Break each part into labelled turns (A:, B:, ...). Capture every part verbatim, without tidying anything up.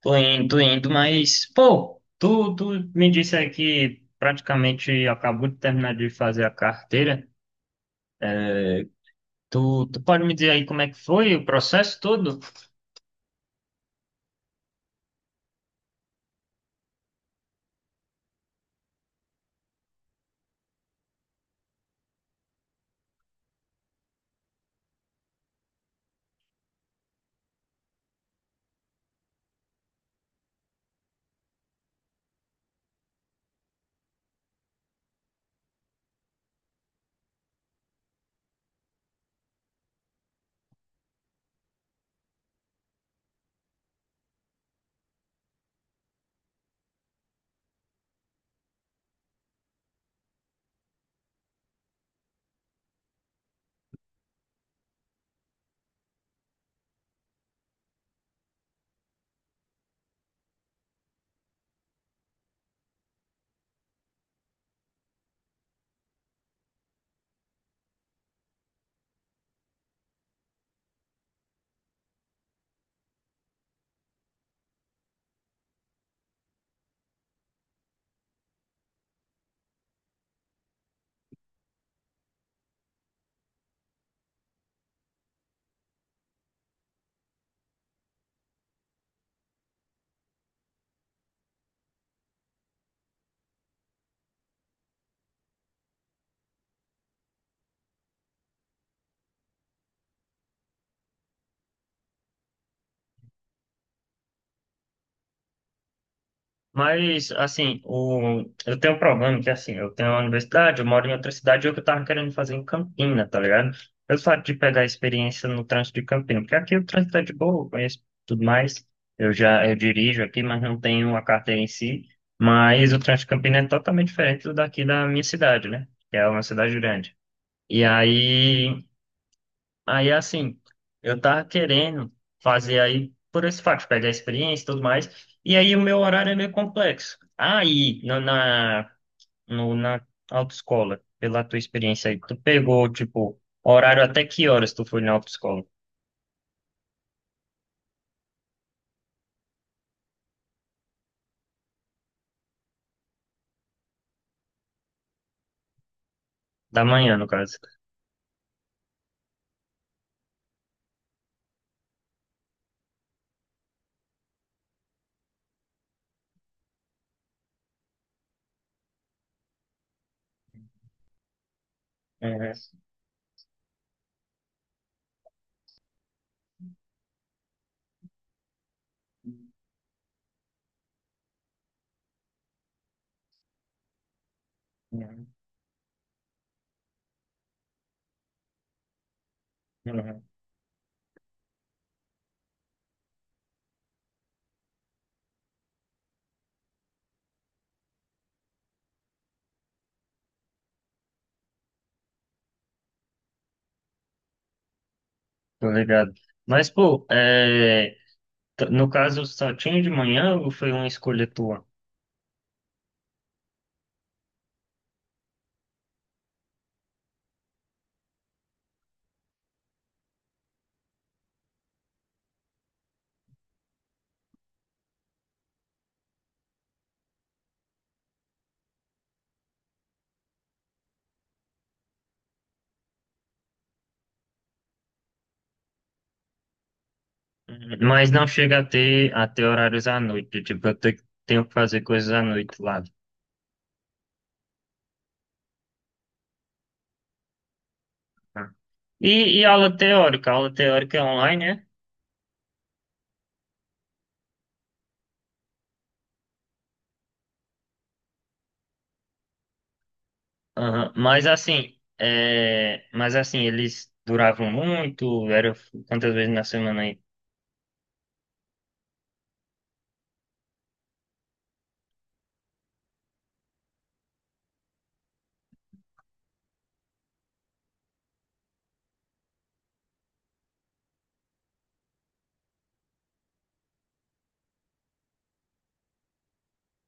A: Tô indo, tô indo, mas, pô, tu, tu me disse aí que praticamente acabou de terminar de fazer a carteira. É, tu, tu pode me dizer aí como é que foi o processo todo? Mas, assim, o... eu tenho um problema que, assim, eu tenho uma universidade, eu moro em outra cidade, e o que eu tava querendo fazer em Campina, tá ligado? Eu fato de pegar experiência no trânsito de Campina, porque aqui o trânsito é de boa, eu conheço tudo mais, eu já eu dirijo aqui, mas não tenho a carteira em si, mas o trânsito de Campina é totalmente diferente do daqui da minha cidade, né? Que é uma cidade grande. E aí, aí, assim, eu tava querendo fazer aí, por esse fato, de pegar experiência e tudo mais, e aí o meu horário é meio complexo. Aí, na, na, no, na autoescola, pela tua experiência aí, tu pegou, tipo, horário até que horas tu foi na autoescola? Da manhã, no caso. Uhum. Uhum. Uhum. Tô ligado. Mas, pô, é, t- no caso, só tinha de manhã ou foi uma escolha tua? Mas não chega a ter, a ter horários à noite. Tipo, eu te- tenho que fazer coisas à noite lá. Né? E, e aula teórica? A aula teórica é online, né? Aham. Mas assim, é... mas assim, eles duravam muito, era quantas vezes na semana aí,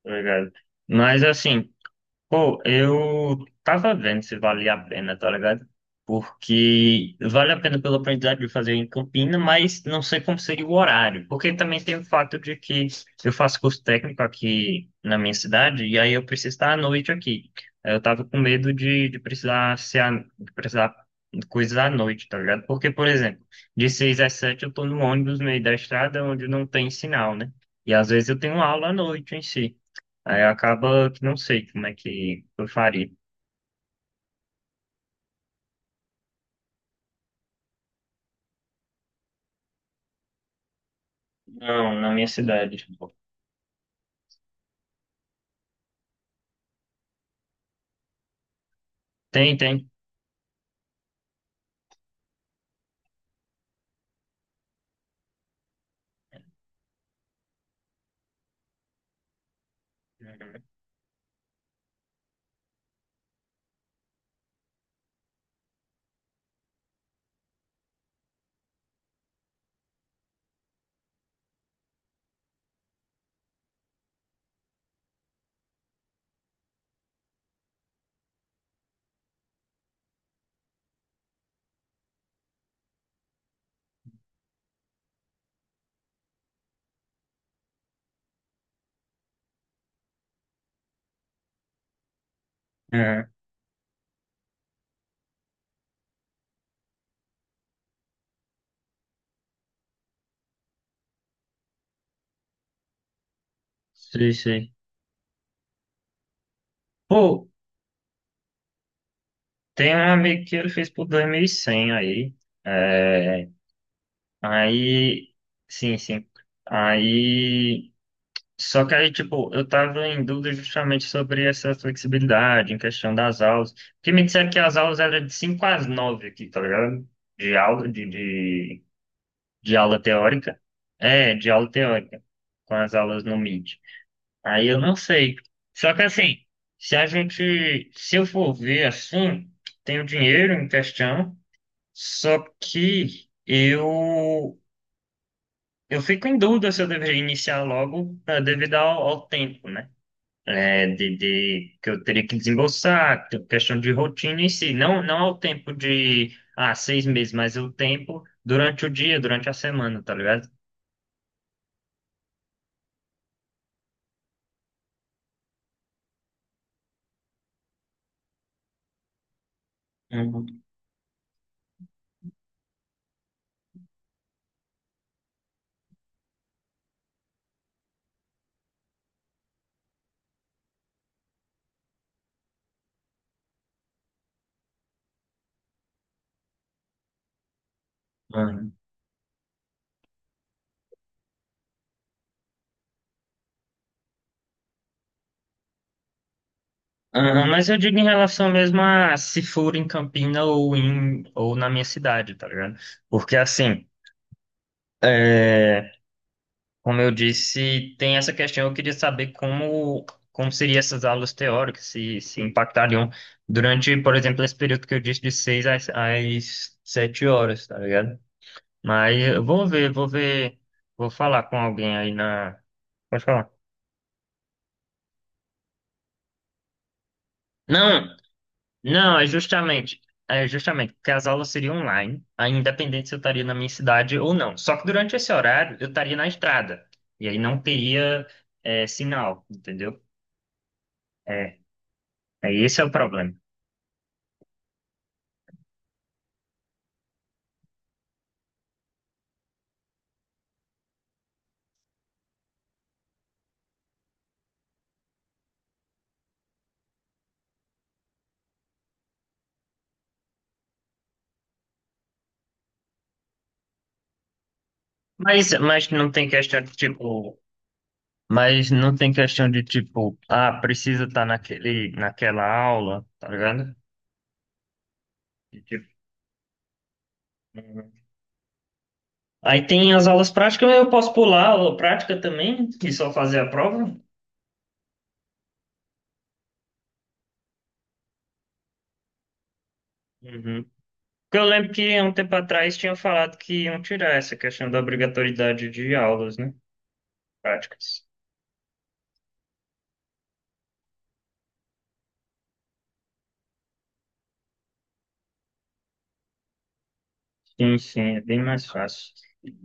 A: tá ligado? Mas assim. Pô, eu tava vendo se valia a pena, tá ligado? Porque vale a pena pelo aprendizado de fazer em Campina, mas não sei como seria o horário. Porque também tem o fato de que eu faço curso técnico aqui na minha cidade, e aí eu preciso estar à noite aqui. Aí eu tava com medo de, de precisar ser a- de precisar de coisas à noite, tá ligado? Porque, por exemplo, de seis às sete eu tô no ônibus no meio da estrada onde não tem sinal, né? E às vezes eu tenho aula à noite em si. Aí acaba que não sei como é que eu faria. Não, na minha cidade. Tem, tem. Uhum. É, sei, sei. Pô, tem um amigo que ele fez por dois mil e cem aí. É, aí, sim, sim. Aí, só que aí, tipo, eu tava em dúvida justamente sobre essa flexibilidade em questão das aulas. Porque me disseram que as aulas eram de cinco às nove aqui, tá ligado? De aula, de de aula teórica. É, de aula teórica, com as aulas no Meet. Aí eu não sei. Só que assim, se a gente, se eu for ver assim, tenho dinheiro em questão, só que eu eu fico em dúvida se eu deveria iniciar logo, eh, devido ao, ao tempo, né? É, de, de- que eu teria que desembolsar, que- é questão de rotina em si, não, não ao tempo de, ah, seis meses, mas o tempo durante o dia, durante a semana, tá ligado? Aham. Aham, mas eu digo em relação mesmo a se for em Campina ou, em, ou na minha cidade, tá ligado? Porque assim, é, como eu disse, tem essa questão, eu queria saber como, como seriam essas aulas teóricas, se, se impactariam durante, por exemplo, esse período que eu disse de seis às, às sete horas, tá ligado? Mas eu vou ver, vou ver, vou falar com alguém aí na... Pode falar. Não, Não, é justamente, é justamente porque as aulas seriam online, aí independente se eu estaria na minha cidade ou não. Só que durante esse horário eu estaria na estrada, e aí não teria é, sinal, entendeu? É, é esse é o problema. Mas, mas não tem questão de tipo, mas não tem questão de tipo, ah, precisa estar naquele, naquela aula, tá ligado? E, tipo, uhum. Aí tem as aulas práticas, eu posso pular a aula prática também e só fazer a prova. Uhum. Porque eu lembro que há um tempo atrás tinham falado que iam tirar essa questão da obrigatoriedade de aulas, né? Práticas. Sim, sim, é bem mais fácil.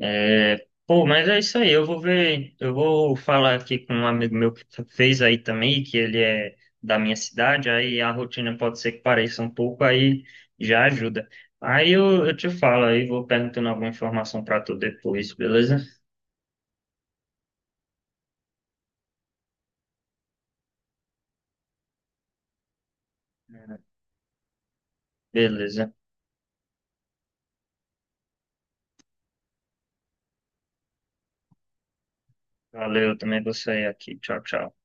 A: É, pô, mas é isso aí. Eu vou ver, eu vou falar aqui com um amigo meu que fez aí também, que ele é da minha cidade, aí a rotina pode ser que pareça um pouco, aí já ajuda. Aí eu, eu te falo aí, vou perguntando alguma informação para tu depois, beleza? Beleza. Valeu, também vou sair aqui. Tchau, tchau.